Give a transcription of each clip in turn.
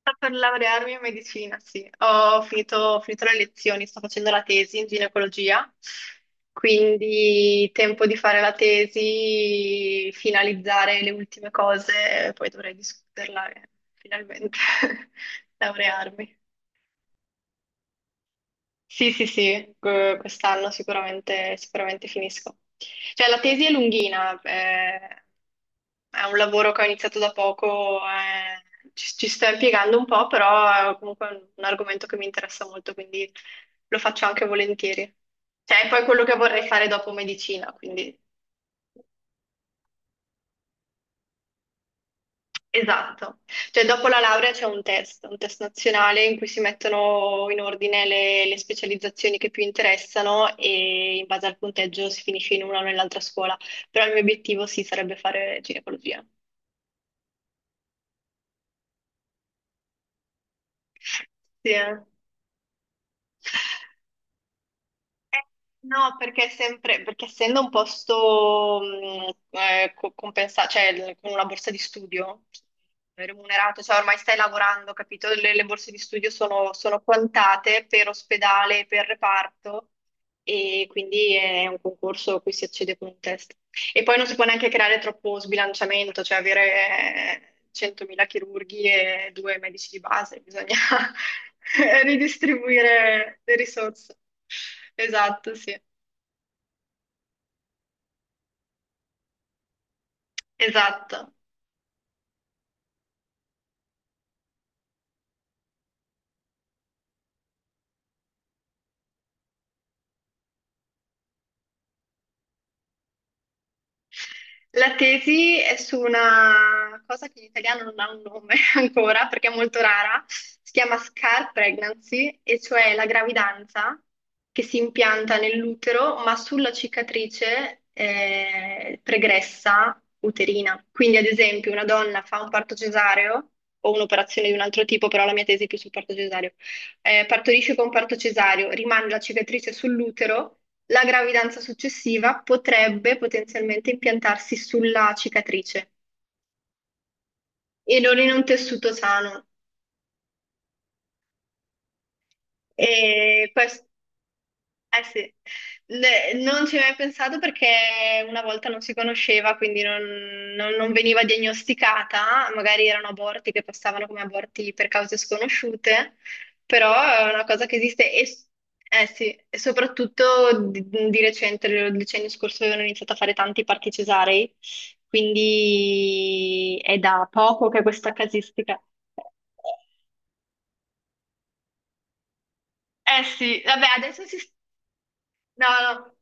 Sto per laurearmi in medicina, sì. Ho finito le lezioni, sto facendo la tesi in ginecologia, quindi tempo di fare la tesi, finalizzare le ultime cose, poi dovrei discuterla e finalmente laurearmi. Sì, sì, sì, quest'anno sicuramente, sicuramente finisco. Cioè, la tesi è lunghina, è un lavoro che ho iniziato da poco, ci sto impiegando un po', però è comunque un argomento che mi interessa molto, quindi lo faccio anche volentieri. Cioè, è poi quello che vorrei fare dopo medicina, quindi. Esatto, cioè dopo la laurea c'è un test nazionale in cui si mettono in ordine le specializzazioni che più interessano e in base al punteggio si finisce in una o nell'altra scuola, però il mio obiettivo sì sarebbe fare ginecologia. Sì, eh. Eh, No, perché, è sempre, perché essendo un posto cioè con una borsa di studio remunerato, cioè ormai stai lavorando, capito? Le borse di studio sono quantate per ospedale, per reparto e quindi è un concorso a cui si accede con un test. E poi non si può neanche creare troppo sbilanciamento, cioè avere 100.000 chirurghi e due medici di base, bisogna ridistribuire le risorse. Esatto, sì, esatto. La tesi è su una cosa che in italiano non ha un nome ancora perché è molto rara, si chiama scar pregnancy, e cioè la gravidanza che si impianta nell'utero ma sulla cicatrice pregressa uterina. Quindi, ad esempio, una donna fa un parto cesareo o un'operazione di un altro tipo, però la mia tesi è più sul parto cesareo, partorisce con parto cesareo, rimane la cicatrice sull'utero. La gravidanza successiva potrebbe potenzialmente impiantarsi sulla cicatrice e non in un tessuto sano. E quest- Eh sì, non ci ho mai pensato perché una volta non si conosceva, quindi non veniva diagnosticata, magari erano aborti che passavano come aborti per cause sconosciute, però è una cosa che esiste eh sì, e soprattutto di recente, il decennio scorso avevano iniziato a fare tanti parti cesarei, quindi è da poco che questa casistica. Eh sì, vabbè, adesso si. No, no.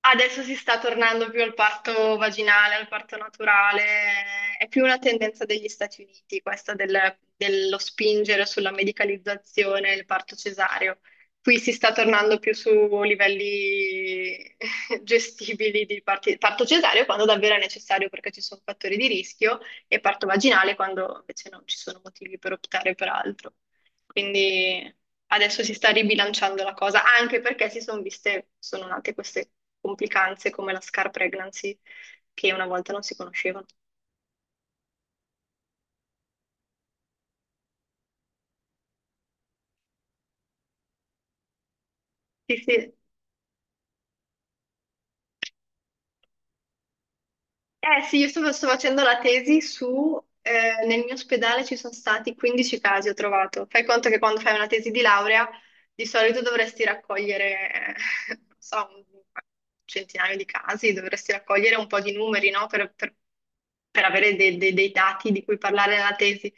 Adesso si sta tornando più al parto vaginale, al parto naturale, è più una tendenza degli Stati Uniti questa dello spingere sulla medicalizzazione del parto cesareo. Qui si sta tornando più su livelli gestibili di parto cesareo quando davvero è necessario perché ci sono fattori di rischio e parto vaginale quando invece non ci sono motivi per optare per altro. Quindi adesso si sta ribilanciando la cosa, anche perché sono nate queste complicanze come la scar pregnancy, che una volta non si conoscevano. Sì, sì. Eh sì, io sto facendo la tesi nel mio ospedale ci sono stati 15 casi, ho trovato. Fai conto che quando fai una tesi di laurea di solito dovresti raccogliere, non so, un centinaio di casi, dovresti raccogliere un po' di numeri, no? Per avere dei dati di cui parlare nella tesi.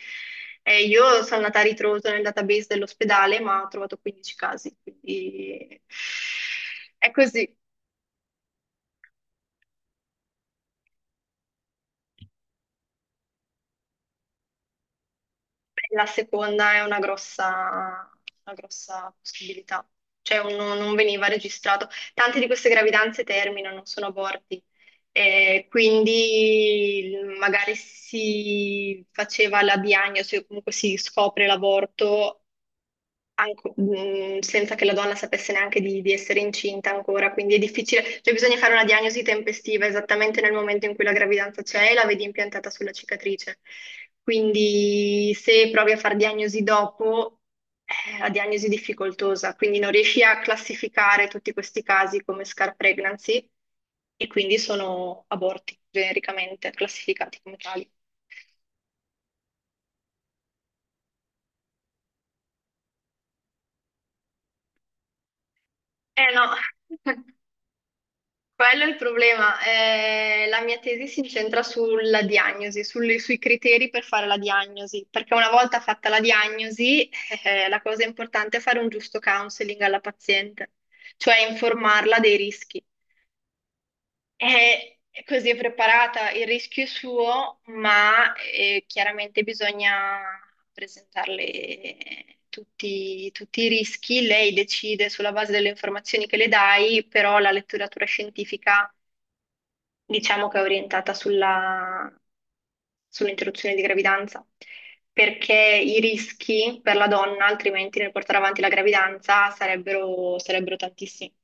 E io sono andata a ritroso nel database dell'ospedale, ma ho trovato 15 casi, quindi è così. La seconda è una grossa possibilità, cioè non veniva registrato. Tante di queste gravidanze terminano, non sono aborti, quindi magari si faceva la diagnosi o comunque si scopre l'aborto senza che la donna sapesse neanche di essere incinta ancora, quindi è difficile, cioè bisogna fare una diagnosi tempestiva esattamente nel momento in cui la gravidanza c'è e la vedi impiantata sulla cicatrice. Quindi se provi a fare diagnosi dopo, è la diagnosi è difficoltosa, quindi non riesci a classificare tutti questi casi come scar pregnancy e quindi sono aborti genericamente classificati come tali. Eh no. Quello è il problema. La mia tesi si incentra sulla diagnosi, sui criteri per fare la diagnosi, perché una volta fatta la diagnosi, la cosa importante è fare un giusto counseling alla paziente, cioè informarla dei rischi. E così è preparata, il rischio è suo, ma chiaramente bisogna presentarle tutti i rischi. Lei decide sulla base delle informazioni che le dai, però la letteratura scientifica diciamo che è orientata sull'interruzione di gravidanza, perché i rischi per la donna, altrimenti nel portare avanti la gravidanza, sarebbero tantissimi.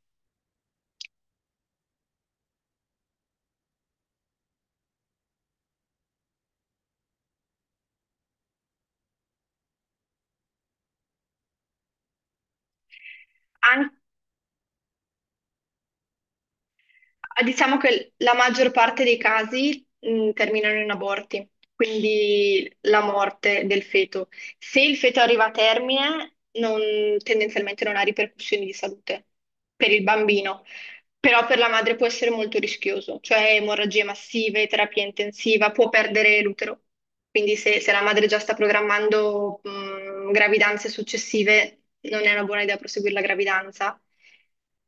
An- diciamo che la maggior parte dei casi, terminano in aborti, quindi la morte del feto. Se il feto arriva a termine, tendenzialmente non ha ripercussioni di salute per il bambino. Però per la madre può essere molto rischioso, cioè emorragie massive, terapia intensiva, può perdere l'utero. Quindi se la madre già sta programmando gravidanze successive, non è una buona idea proseguire la gravidanza.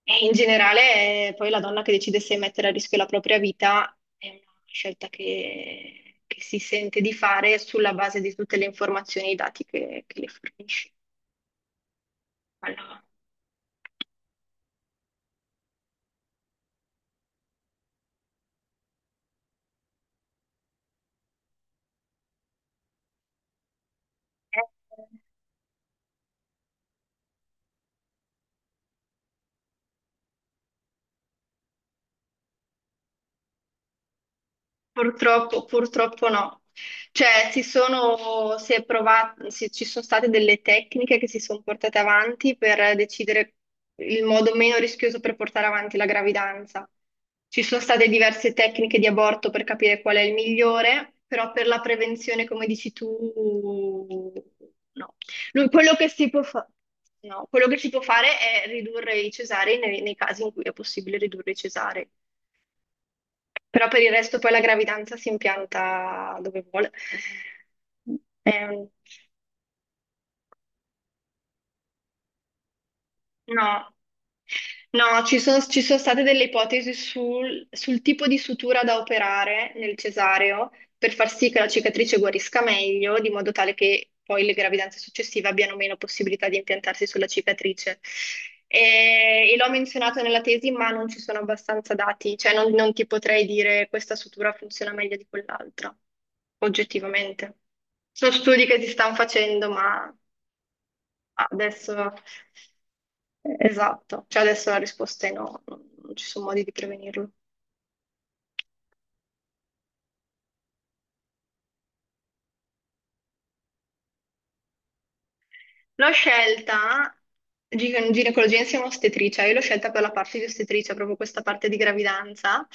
E in generale, poi la donna che decide se mettere a rischio la propria vita è una scelta che si sente di fare sulla base di tutte le informazioni e i dati che le fornisce. Allora. Purtroppo, purtroppo no. Cioè, si sono, si è provat- si- ci sono state delle tecniche che si sono portate avanti per decidere il modo meno rischioso per portare avanti la gravidanza. Ci sono state diverse tecniche di aborto per capire qual è il migliore, però per la prevenzione, come dici tu, no. Lui- Quello che si può fa- No, quello che si può fare è ridurre i cesarei nei casi in cui è possibile ridurre i cesarei. Però per il resto poi la gravidanza si impianta dove vuole. Ehm, No. No, ci sono state delle ipotesi sul tipo di sutura da operare nel cesareo per far sì che la cicatrice guarisca meglio, di modo tale che poi le gravidanze successive abbiano meno possibilità di impiantarsi sulla cicatrice. E l'ho menzionato nella tesi, ma non ci sono abbastanza dati, cioè non ti potrei dire questa sutura funziona meglio di quell'altra, oggettivamente. Sono studi che si stanno facendo, ma adesso. Esatto, cioè adesso la risposta è no, non ci sono modi di prevenirlo. L'ho scelta ginecologia insieme a ostetricia, io l'ho scelta per la parte di ostetricia, proprio questa parte di gravidanza.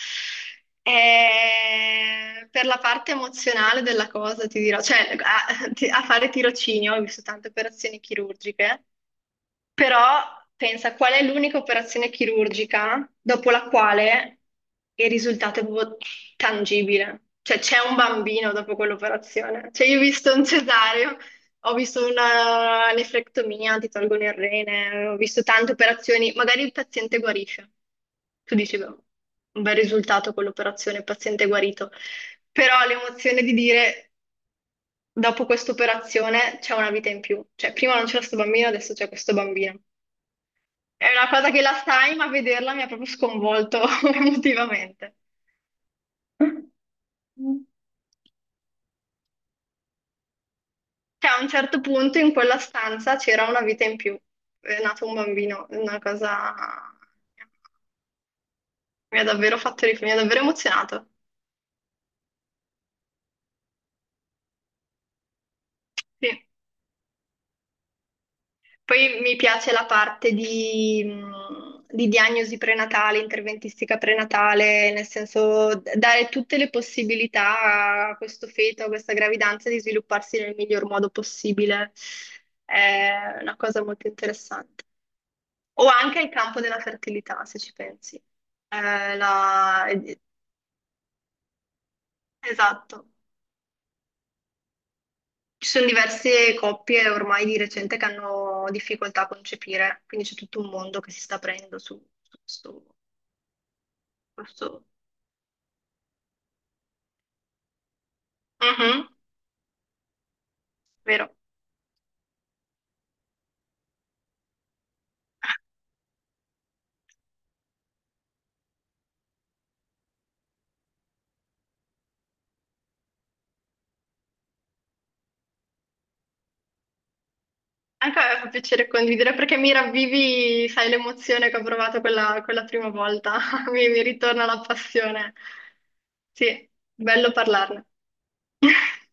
E per la parte emozionale della cosa ti dirò, cioè a fare tirocinio, ho visto tante operazioni chirurgiche. Però pensa qual è l'unica operazione chirurgica dopo la quale il risultato è proprio tangibile. Cioè c'è un bambino dopo quell'operazione. Cioè io ho visto un cesareo, ho visto una nefrectomia, ti tolgono il rene, ho visto tante operazioni, magari il paziente guarisce. Tu dici, beh, un bel risultato quell'operazione, il paziente è guarito. Però l'emozione di dire dopo questa operazione c'è una vita in più. Cioè prima non c'era questo bambino, adesso c'è questo bambino. È una cosa che la sai, ma vederla mi ha proprio sconvolto emotivamente. Cioè, a un certo punto in quella stanza c'era una vita in più. È nato un bambino, è una cosa mi ha davvero fatto riflettere, mi ha davvero emozionato. Sì. Poi mi piace la parte di diagnosi prenatale, interventistica prenatale, nel senso dare tutte le possibilità a questo feto, a questa gravidanza di svilupparsi nel miglior modo possibile. È una cosa molto interessante. O anche il campo della fertilità, se ci pensi. Eh, la- Esatto. Ci sono diverse coppie ormai di recente che hanno difficoltà a concepire, quindi c'è tutto un mondo che si sta aprendo su questo. Giusto? Mhm, vero. Anche a me fa piacere condividere perché mi ravvivi, sai, l'emozione che ho provato quella prima volta. Mi ritorna la passione. Sì, bello parlarne.